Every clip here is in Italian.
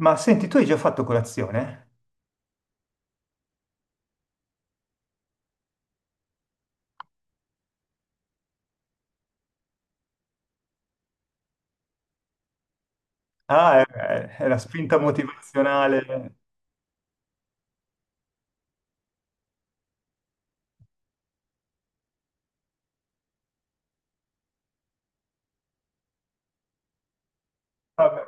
Ma senti, tu hai già fatto colazione? Ah, è la spinta motivazionale. Vabbè.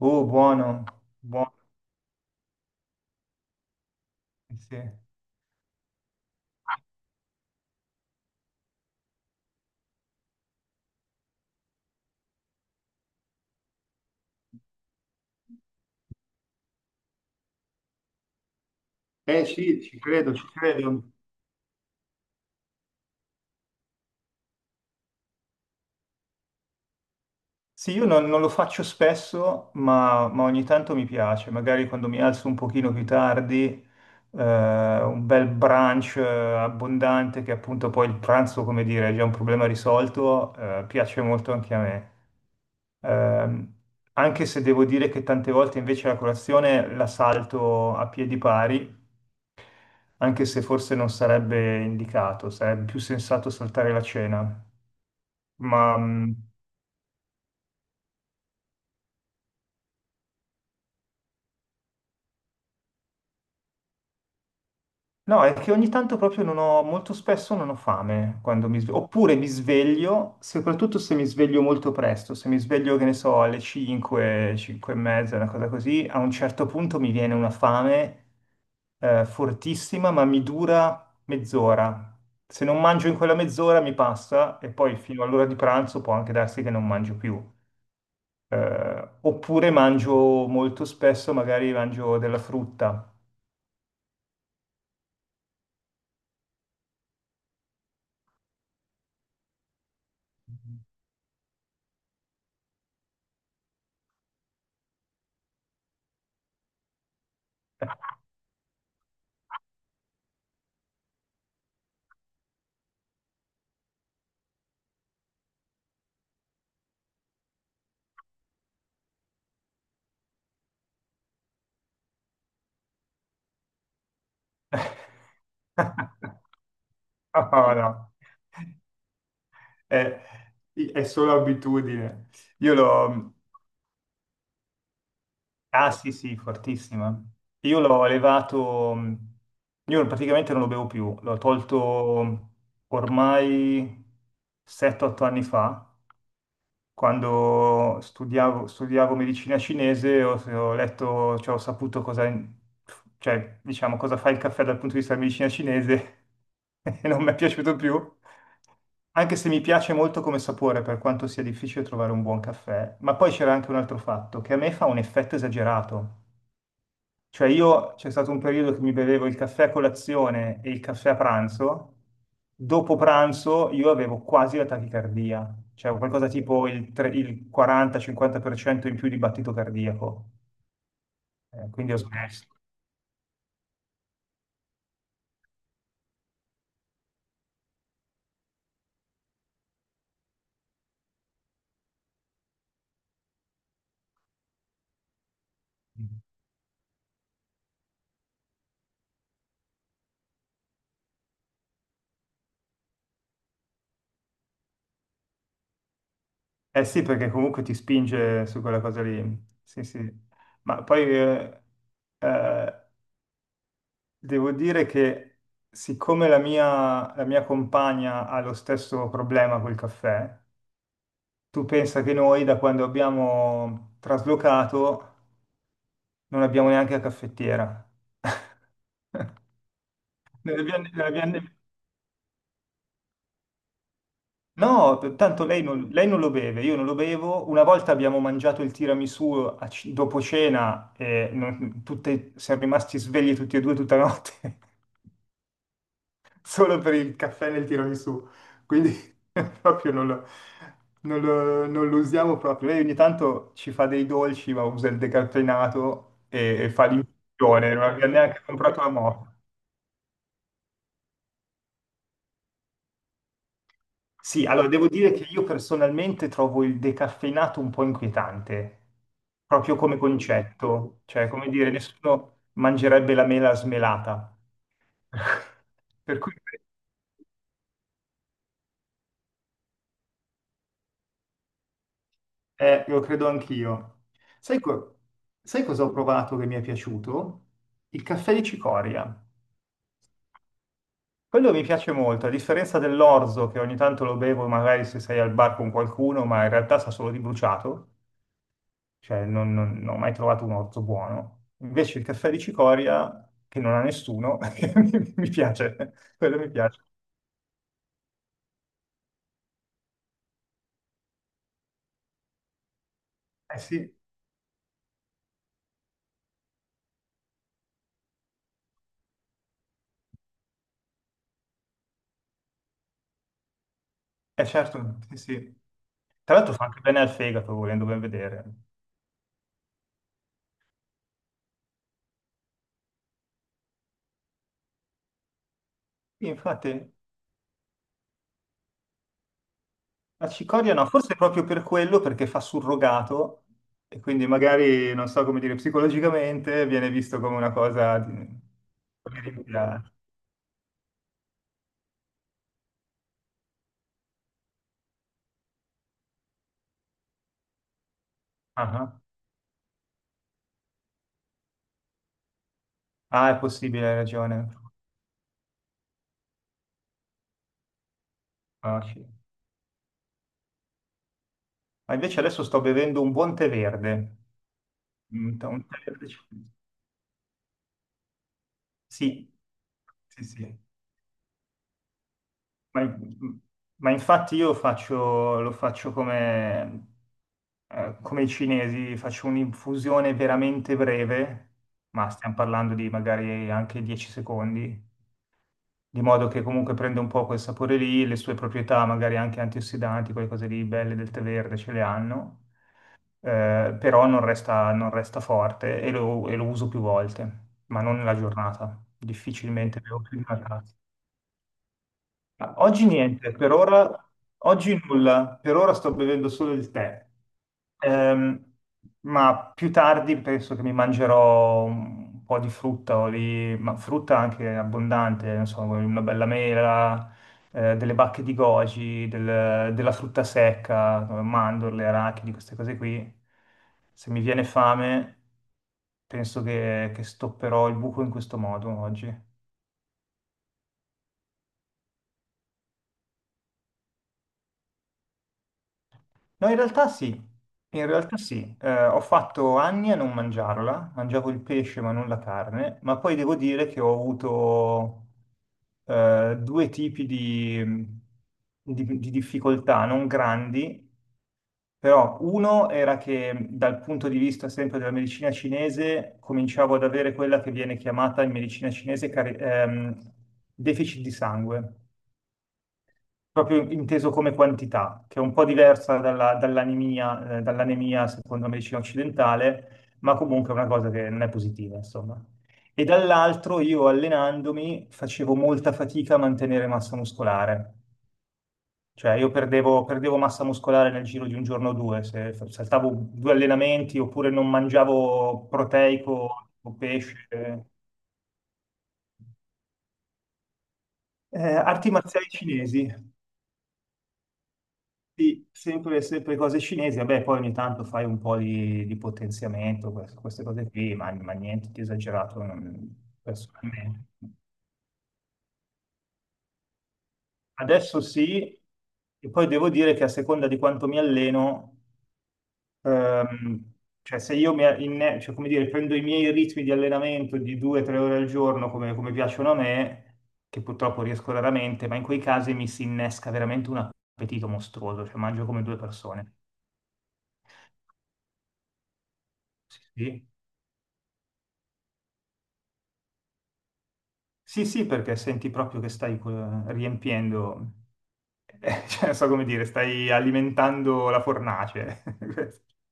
Oh, buono, buono, sì. Eh sì, ci credo, ci credo. Sì, io non lo faccio spesso, ma ogni tanto mi piace. Magari quando mi alzo un pochino più tardi, un bel brunch abbondante, che appunto poi il pranzo, come dire, è già un problema risolto, piace molto anche a me. Ehm, Anche se devo dire che tante volte invece la colazione la salto a piedi pari, anche se forse non sarebbe indicato, sarebbe più sensato saltare la cena. Ma no, è che ogni tanto proprio non ho, molto spesso non ho fame quando mi sveglio, oppure mi sveglio, soprattutto se mi sveglio molto presto, se mi sveglio, che ne so, alle 5, 5 e mezza, una cosa così, a un certo punto mi viene una fame fortissima, ma mi dura mezz'ora. Se non mangio in quella mezz'ora mi passa e poi fino all'ora di pranzo può anche darsi che non mangio più. Oppure mangio molto spesso, magari mangio della frutta. No, no. È, è solo abitudine. Io l'ho. Ah sì, sì, fortissima. Io l'ho levato. Io praticamente non lo bevo più. L'ho tolto ormai 7-8 anni fa, quando studiavo, medicina cinese ho letto, cioè ho saputo cioè, diciamo, cosa fa il caffè dal punto di vista della medicina cinese e non mi è piaciuto più, anche se mi piace molto come sapore, per quanto sia difficile trovare un buon caffè. Ma poi c'era anche un altro fatto, che a me fa un effetto esagerato. Cioè io c'è stato un periodo che mi bevevo il caffè a colazione e il caffè a pranzo, dopo pranzo io avevo quasi la tachicardia, cioè qualcosa tipo il 40-50% in più di battito cardiaco. Quindi ho smesso. Eh sì, perché comunque ti spinge su quella cosa lì, sì sì, ma poi eh, devo dire che siccome la mia compagna ha lo stesso problema col caffè. Tu pensa che noi da quando abbiamo traslocato non abbiamo neanche la caffettiera. Non abbiamo- non abbiamo- No, tanto lei non lo beve, io non lo bevo. Una volta abbiamo mangiato il tiramisù dopo cena e siamo rimasti svegli tutti e due tutta la notte. Solo per il caffè nel tiramisù, quindi proprio non lo usiamo proprio. Lei ogni tanto ci fa dei dolci, ma usa il decaffeinato e fa l'infusione, non abbiamo neanche comprato la moto. Sì, allora devo dire che io personalmente trovo il decaffeinato un po' inquietante, proprio come concetto, cioè come dire, nessuno mangerebbe la mela smelata. Per cui lo credo anch'io. Sai, co- sai cosa ho provato che mi è piaciuto? Il caffè di cicoria. Quello mi piace molto, a differenza dell'orzo che ogni tanto lo bevo magari se sei al bar con qualcuno, ma in realtà sa solo di bruciato, cioè non ho mai trovato un orzo buono. Invece il caffè di cicoria, che non ha nessuno, mi piace, quello mi piace. Eh sì, eh certo, sì, sì. Tra l'altro fa anche bene al fegato, volendo ben vedere. Infatti. La cicoria no, forse proprio per quello, perché fa surrogato e quindi magari, non so come dire, psicologicamente viene visto come una cosa come rimpiazzo. Ah, ah. Ah, è possibile, hai ragione. Ah, sì. Ma invece adesso sto bevendo un buon tè verde. Un tè verde. Sì, sì, sì. Ma, in- ma infatti io faccio, lo faccio come i cinesi, faccio un'infusione veramente breve, ma stiamo parlando di magari anche 10 secondi, di modo che comunque prende un po' quel sapore lì, le sue proprietà, magari anche antiossidanti, quelle cose lì belle del tè verde ce le hanno, però non resta forte e lo uso più volte, ma non nella giornata, difficilmente bevo più di una tazza. Ma oggi niente, per ora, oggi nulla, per ora sto bevendo solo il tè. Ehm, ma più tardi penso che mi mangerò un po' di frutta, o lì, ma frutta anche abbondante, non so, una bella mela, delle bacche di goji, della frutta secca, mandorle, arachidi, queste cose qui. Se mi viene fame, penso che stopperò il buco in questo modo oggi. No, in realtà sì, in realtà sì. Ho fatto anni a non mangiarla, mangiavo il pesce ma non la carne, ma poi devo dire che ho avuto due tipi di difficoltà, non grandi, però uno era che dal punto di vista sempre della medicina cinese cominciavo ad avere quella che viene chiamata in medicina cinese deficit di sangue proprio inteso come quantità, che è un po' diversa dall'anemia secondo la medicina occidentale, ma comunque è una cosa che non è positiva, insomma. E dall'altro io allenandomi facevo molta fatica a mantenere massa muscolare, cioè io perdevo massa muscolare nel giro di un giorno o due, se saltavo due allenamenti oppure non mangiavo proteico o pesce. Arti marziali cinesi. Sì, sempre, sempre cose cinesi, vabbè, poi ogni tanto fai un po' di potenziamento, queste cose qui, ma niente di esagerato, personalmente. Adesso sì, e poi devo dire che a seconda di quanto mi alleno, ehm, cioè se io cioè, come dire, prendo i miei ritmi di allenamento di 2 o 3 ore al giorno, come piacciono a me, che purtroppo riesco raramente, ma in quei casi mi si innesca veramente un appetito mostruoso, cioè mangio come due persone. Sì, sì. Sì, sì, perché senti proprio che stai riempiendo, cioè, non so come dire, stai alimentando la fornace.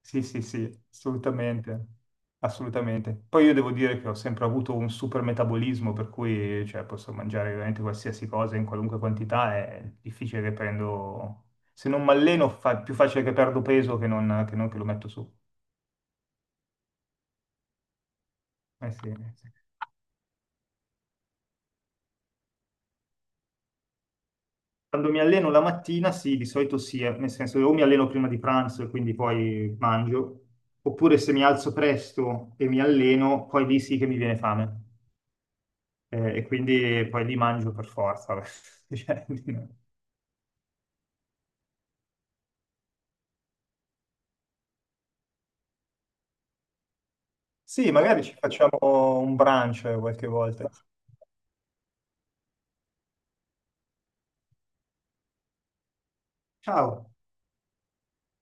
Sì, sì, sì, assolutamente, assolutamente. Poi io devo dire che ho sempre avuto un super metabolismo, per cui cioè, posso mangiare veramente qualsiasi cosa in qualunque quantità, è difficile che prendo. Se non mi alleno, più facile che perdo peso che non che lo metto su. Eh sì. Eh sì. Quando mi alleno la mattina, sì, di solito sì, nel senso o mi alleno prima di pranzo e quindi poi mangio, oppure se mi alzo presto e mi alleno, poi lì sì che mi viene fame. E quindi poi lì mangio per forza. Beh. Cioè. Sì, magari ci facciamo un brunch qualche volta. Ciao.